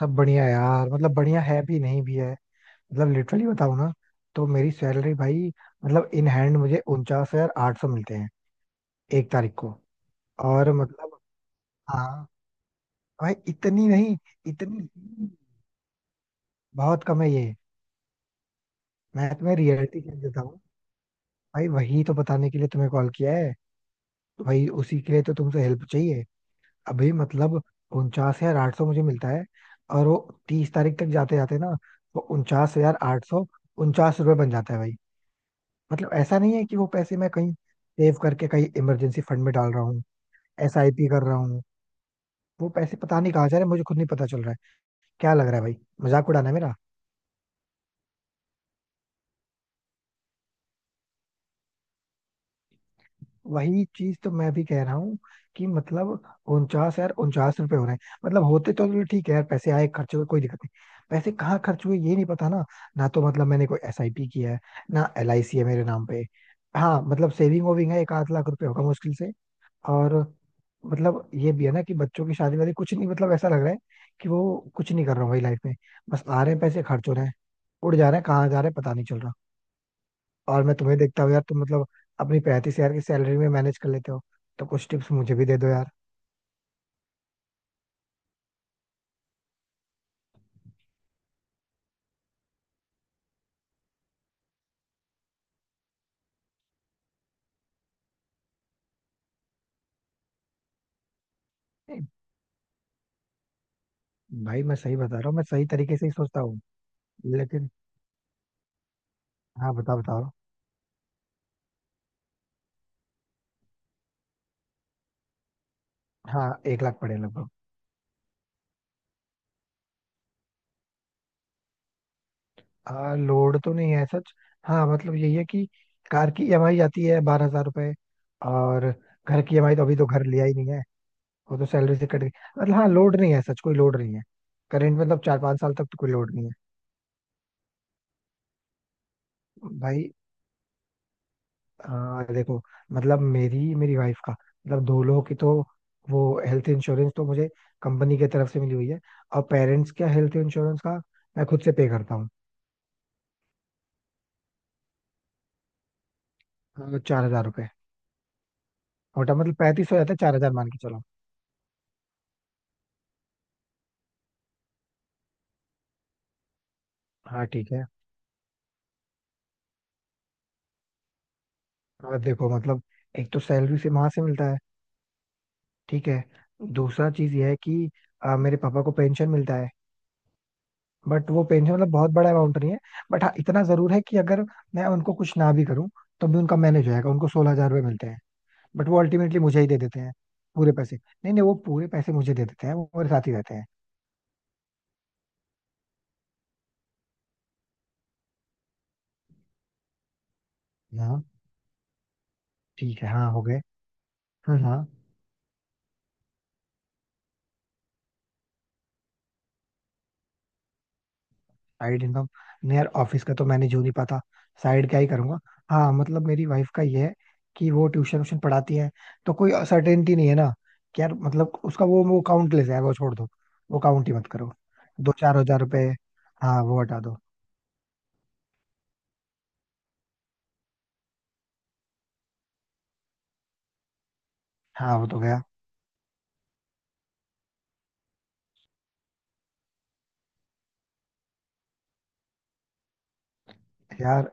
सब बढ़िया यार। मतलब बढ़िया है भी नहीं भी है। मतलब लिटरली बताऊं ना। तो मेरी सैलरी भाई, मतलब इन हैंड मुझे 49,800 मिलते हैं 1 तारीख को। और मतलब हाँ। भाई इतनी नहीं, इतनी बहुत कम है ये। मैं तुम्हें रियलिटी चेक देता हूँ। भाई वही तो बताने के लिए तुम्हें कॉल किया है। तो भाई उसी के लिए तो तुमसे हेल्प चाहिए। अभी मतलब 49,800 मुझे मिलता है। और वो 30 तारीख तक जाते जाते ना, वो 49,849 रुपये बन जाता है भाई। मतलब ऐसा नहीं है कि वो पैसे मैं कहीं सेव करके कहीं इमरजेंसी फंड में डाल रहा हूँ। एसआईपी कर रहा हूँ। वो पैसे पता नहीं कहाँ जा रहे हैं, मुझे खुद नहीं पता चल रहा है। क्या लग रहा है भाई, मजाक उड़ाना है मेरा। वही चीज तो मैं भी कह रहा हूँ कि मतलब उनचास यार, 49 रुपए हो रहे हैं। मतलब होते तो चलो ठीक है यार, पैसे आए खर्च हुए कोई दिक्कत नहीं। पैसे कहाँ खर्च हुए ये नहीं पता ना। ना तो मतलब मैंने कोई एसआईपी किया है, ना एलआईसी है मेरे नाम पे। हाँ मतलब सेविंग वेविंग है, एक आध लाख रुपए होगा मुश्किल से। और मतलब ये भी है ना कि बच्चों की शादी वादी कुछ नहीं, मतलब ऐसा लग रहा है कि वो कुछ नहीं कर रहा हूँ भाई लाइफ में। बस आ रहे हैं पैसे, खर्च हो रहे हैं, उड़ जा रहे हैं, कहाँ जा रहे हैं पता नहीं चल रहा। और मैं तुम्हें देखता हूँ यार, तुम मतलब अपनी 35 हजार की सैलरी में मैनेज कर लेते हो, तो कुछ टिप्स मुझे भी दे दो यार। नहीं, भाई मैं सही बता रहा हूँ, मैं सही तरीके से ही सोचता हूँ। लेकिन हाँ, बताओ बताओ। हाँ 1 लाख पड़े लगभग। लोड तो नहीं है सच। हाँ मतलब यही है कि कार की ईएमआई आती है 12,000 रुपए। और घर की ईएमआई तो अभी तो घर लिया ही नहीं है, वो तो सैलरी से कट गई। मतलब हाँ, लोड नहीं है सच, कोई लोड नहीं है। करेंट मतलब चार पांच साल तक तो कोई लोड नहीं है। भाई देखो, मतलब मेरी मेरी वाइफ का, मतलब दो लोगों की तो वो हेल्थ इंश्योरेंस तो मुझे कंपनी की तरफ से मिली हुई है। और पेरेंट्स का हेल्थ इंश्योरेंस का मैं खुद से पे करता हूँ। 4,000 रुपये। मोटा मतलब पैंतीस हो जाता है, 4,000 मान के चलो। हाँ ठीक है। और देखो मतलब एक तो सैलरी से वहां से मिलता है। ठीक है। दूसरा चीज यह है कि मेरे पापा को पेंशन मिलता है। बट वो पेंशन मतलब बहुत बड़ा अमाउंट नहीं है। बट हाँ इतना जरूर है कि अगर मैं उनको कुछ ना भी करूँ तो भी उनका मैनेज हो जाएगा, उनको 16,000 रुपये मिलते हैं। बट वो अल्टीमेटली मुझे ही दे देते हैं पूरे पैसे। नहीं नहीं, वो पूरे पैसे मुझे दे देते हैं, वो मेरे साथ ही रहते हैं। हाँ ठीक है। हाँ हो गए। हाँ हाँ। साइड इनकम, नहीं यार, ऑफिस का तो मैनेज हो नहीं पाता, साइड क्या ही करूंगा। हाँ मतलब मेरी वाइफ का ये है कि वो ट्यूशन व्यूशन पढ़ाती है, तो कोई सर्टेनिटी नहीं है ना कि यार, मतलब उसका वो काउंटलेस है, वो छोड़ दो, वो काउंट ही मत करो। दो चार हजार रुपए। हाँ वो हटा दो। हाँ वो तो गया। यार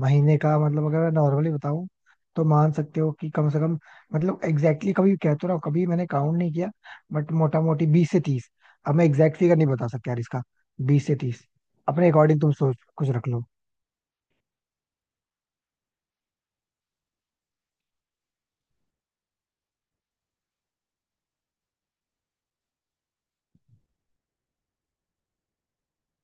महीने का मतलब अगर मैं नॉर्मली बताऊं तो मान सकते हो कि कम से कम, मतलब एग्जैक्टली कभी कह तो रहा हूं, कभी मैंने काउंट नहीं किया। बट मोटा मोटी 20 से 30। अब मैं एग्जैक्ट फिगर नहीं बता सकता यार इसका, 20 से 30, अपने अकॉर्डिंग तुम सोच कुछ रख लो।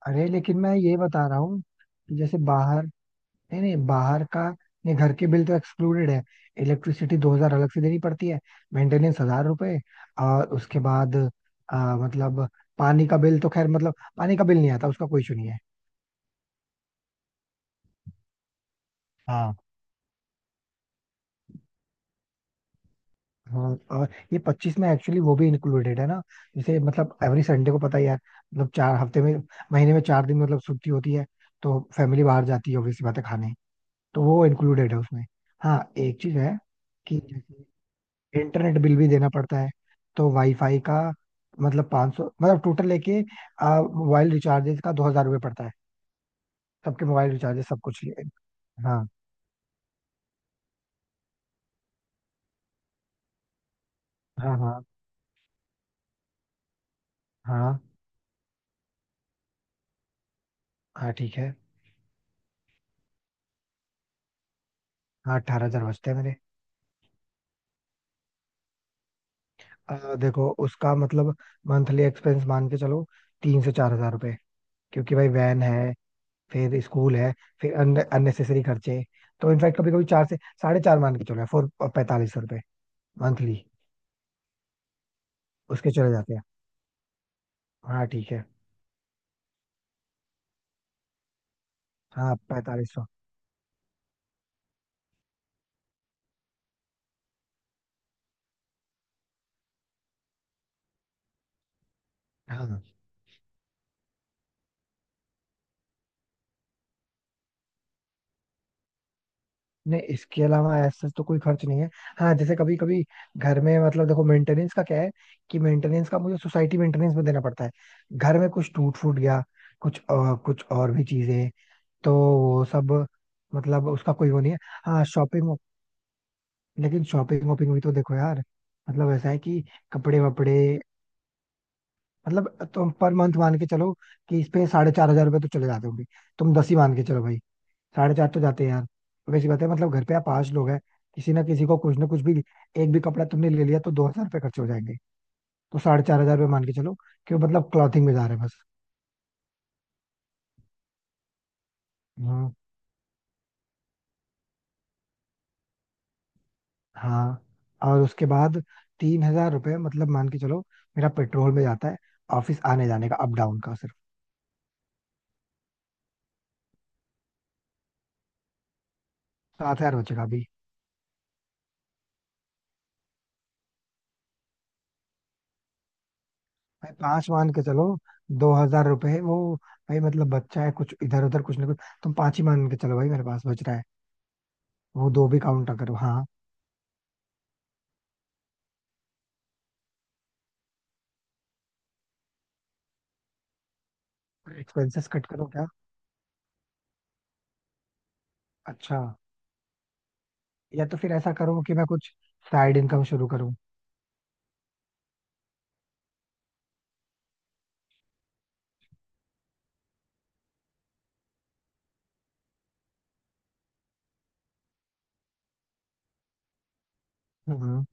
अरे लेकिन मैं ये बता रहा हूँ कि जैसे बाहर, नहीं नहीं बाहर का नहीं, घर के बिल तो एक्सक्लूडेड है। इलेक्ट्रिसिटी 2,000 अलग से देनी पड़ती है, मेंटेनेंस हजार रुपए। और उसके बाद मतलब पानी का बिल तो खैर, मतलब पानी का बिल नहीं आता, उसका कोई इशू नहीं है। हाँ हाँ। और ये 25 में एक्चुअली वो भी इंक्लूडेड है ना। जैसे मतलब एवरी संडे को पता ही है, मतलब 4 हफ्ते में, महीने में 4 दिन मतलब छुट्टी होती है, तो फैमिली बाहर जाती है ऑब्वियसली, बात है खाने, तो वो इंक्लूडेड है उसमें। हाँ एक चीज है कि जैसे इंटरनेट बिल भी देना पड़ता है, तो वाईफाई का मतलब 500, मतलब टोटल लेके मोबाइल रिचार्जेस का 2,000 रुपये पड़ता है। सबके मोबाइल रिचार्जेस सब कुछ लिए। हाँ। हाँ। हाँ। हाँ। हाँ ठीक है। हाँ 18,000 बचते हैं मेरे। देखो उसका मतलब मंथली एक्सपेंस मान के चलो 3 से 4,000 रुपए। क्योंकि भाई वैन है, फिर स्कूल है, फिर अननेसेसरी खर्चे। तो इनफैक्ट कभी कभी चार से साढ़े चार मान के चलो, फोर 4,500 रुपए मंथली उसके चले जाते हैं। हाँ ठीक है। हाँ 4,500। हाँ नहीं, इसके अलावा ऐसा तो कोई खर्च नहीं है। हाँ जैसे कभी कभी घर में, मतलब देखो मेंटेनेंस का क्या है, कि मेंटेनेंस का मुझे सोसाइटी मेंटेनेंस में देना पड़ता है, घर में कुछ टूट फूट गया, कुछ और भी चीजें, तो वो सब मतलब उसका कोई वो नहीं है। हाँ शॉपिंग। लेकिन शॉपिंग वॉपिंग भी तो देखो यार, मतलब ऐसा है कि कपड़े वपड़े, मतलब तुम पर मंथ मान के चलो कि इस पे 4,500 रुपये तो चले जाते होंगे। तुम 10 ही मान के चलो भाई, साढ़े चार तो जाते हैं यार। वैसी बात है, मतलब घर पे आप पांच लोग हैं, किसी ना किसी को कुछ ना कुछ भी, एक भी कपड़ा तुमने ले लिया तो 2,000 रुपये खर्च हो जाएंगे। तो 4,500 रुपये मान के चलो कि वो मतलब क्लॉथिंग में जा रहे हैं बस। हाँ हाँ। और उसके बाद 3,000 रुपये मतलब मान के चलो मेरा पेट्रोल में जाता है, ऑफिस आने जाने का अप डाउन का सिर्फ। 7,000 बचेगा अभी। भाई पांच मान के चलो, 2,000 रुपये वो, भाई मतलब बच्चा है कुछ इधर उधर कुछ ना कुछ, तुम पांच ही मान के चलो भाई, मेरे पास बच रहा है। वो दो भी काउंट करो हाँ। एक्सपेंसेस कट करो क्या? अच्छा, या तो फिर ऐसा करो कि मैं कुछ साइड इनकम शुरू करूँ। हम्म।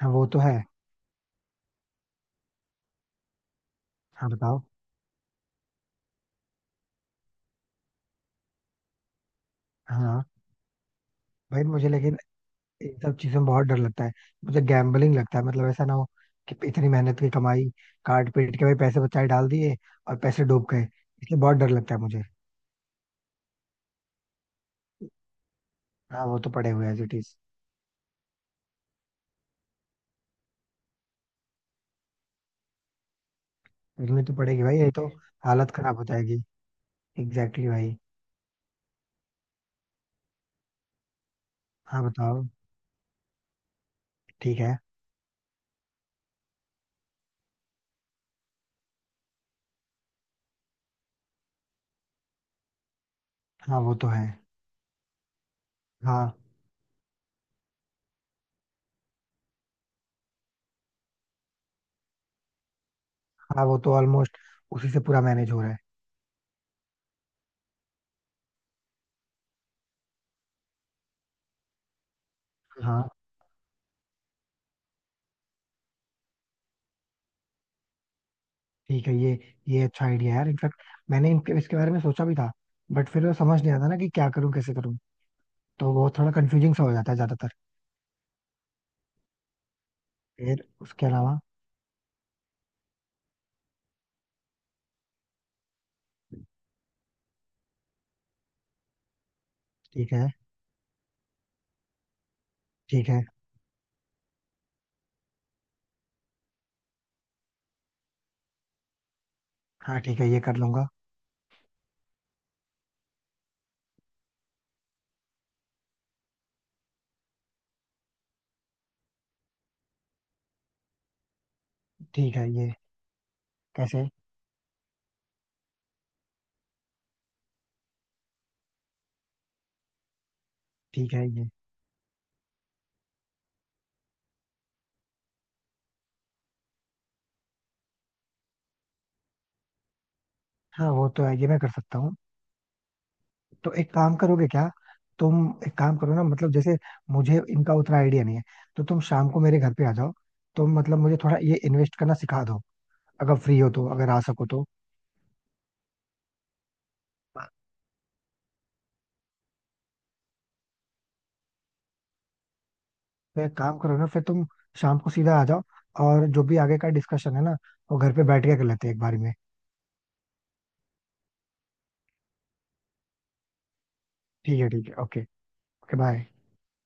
हाँ वो तो है। हाँ बताओ। हाँ। भाई मुझे लेकिन इन सब चीजों में बहुत डर लगता है, मुझे गैम्बलिंग लगता है, मतलब ऐसा ना हो कि इतनी मेहनत की कमाई काट पीट के भाई पैसे बचाए डाल दिए और पैसे डूब गए। इसलिए बहुत डर लगता है मुझे। हाँ वो तो पड़े हुए एज इट इज। करनी तो पड़ेगी भाई ये तो, हालत खराब हो जाएगी। एग्जैक्टली भाई। हाँ बताओ। ठीक है। हाँ वो तो है। हाँ हाँ, वो तो ऑलमोस्ट उसी से पूरा मैनेज हो रहा है। हाँ ठीक है ये अच्छा आइडिया है यार, इनफैक्ट मैंने इनके इसके बारे में सोचा भी था, बट फिर वो समझ नहीं आता ना कि क्या करूँ कैसे करूँ, तो वो थोड़ा कंफ्यूजिंग सा हो जाता है ज्यादातर। फिर उसके अलावा। ठीक है। ठीक है। हाँ ठीक है, ये कर लूंगा। ठीक है ये। कैसे? ठीक है ये। हाँ वो तो है, ये मैं कर सकता हूँ। तो एक काम करोगे क्या? तुम एक काम करो ना, मतलब जैसे मुझे इनका उतना आइडिया नहीं है, तो तुम शाम को मेरे घर पे आ जाओ, तुम मतलब मुझे थोड़ा ये इन्वेस्ट करना सिखा दो अगर फ्री हो तो, अगर आ सको तो। तो एक काम करो ना, फिर तुम शाम को सीधा आ जाओ, और जो भी आगे का डिस्कशन है ना वो घर पे बैठ के कर लेते हैं एक बार में। ठीक है ठीक है, ओके। Okay bye.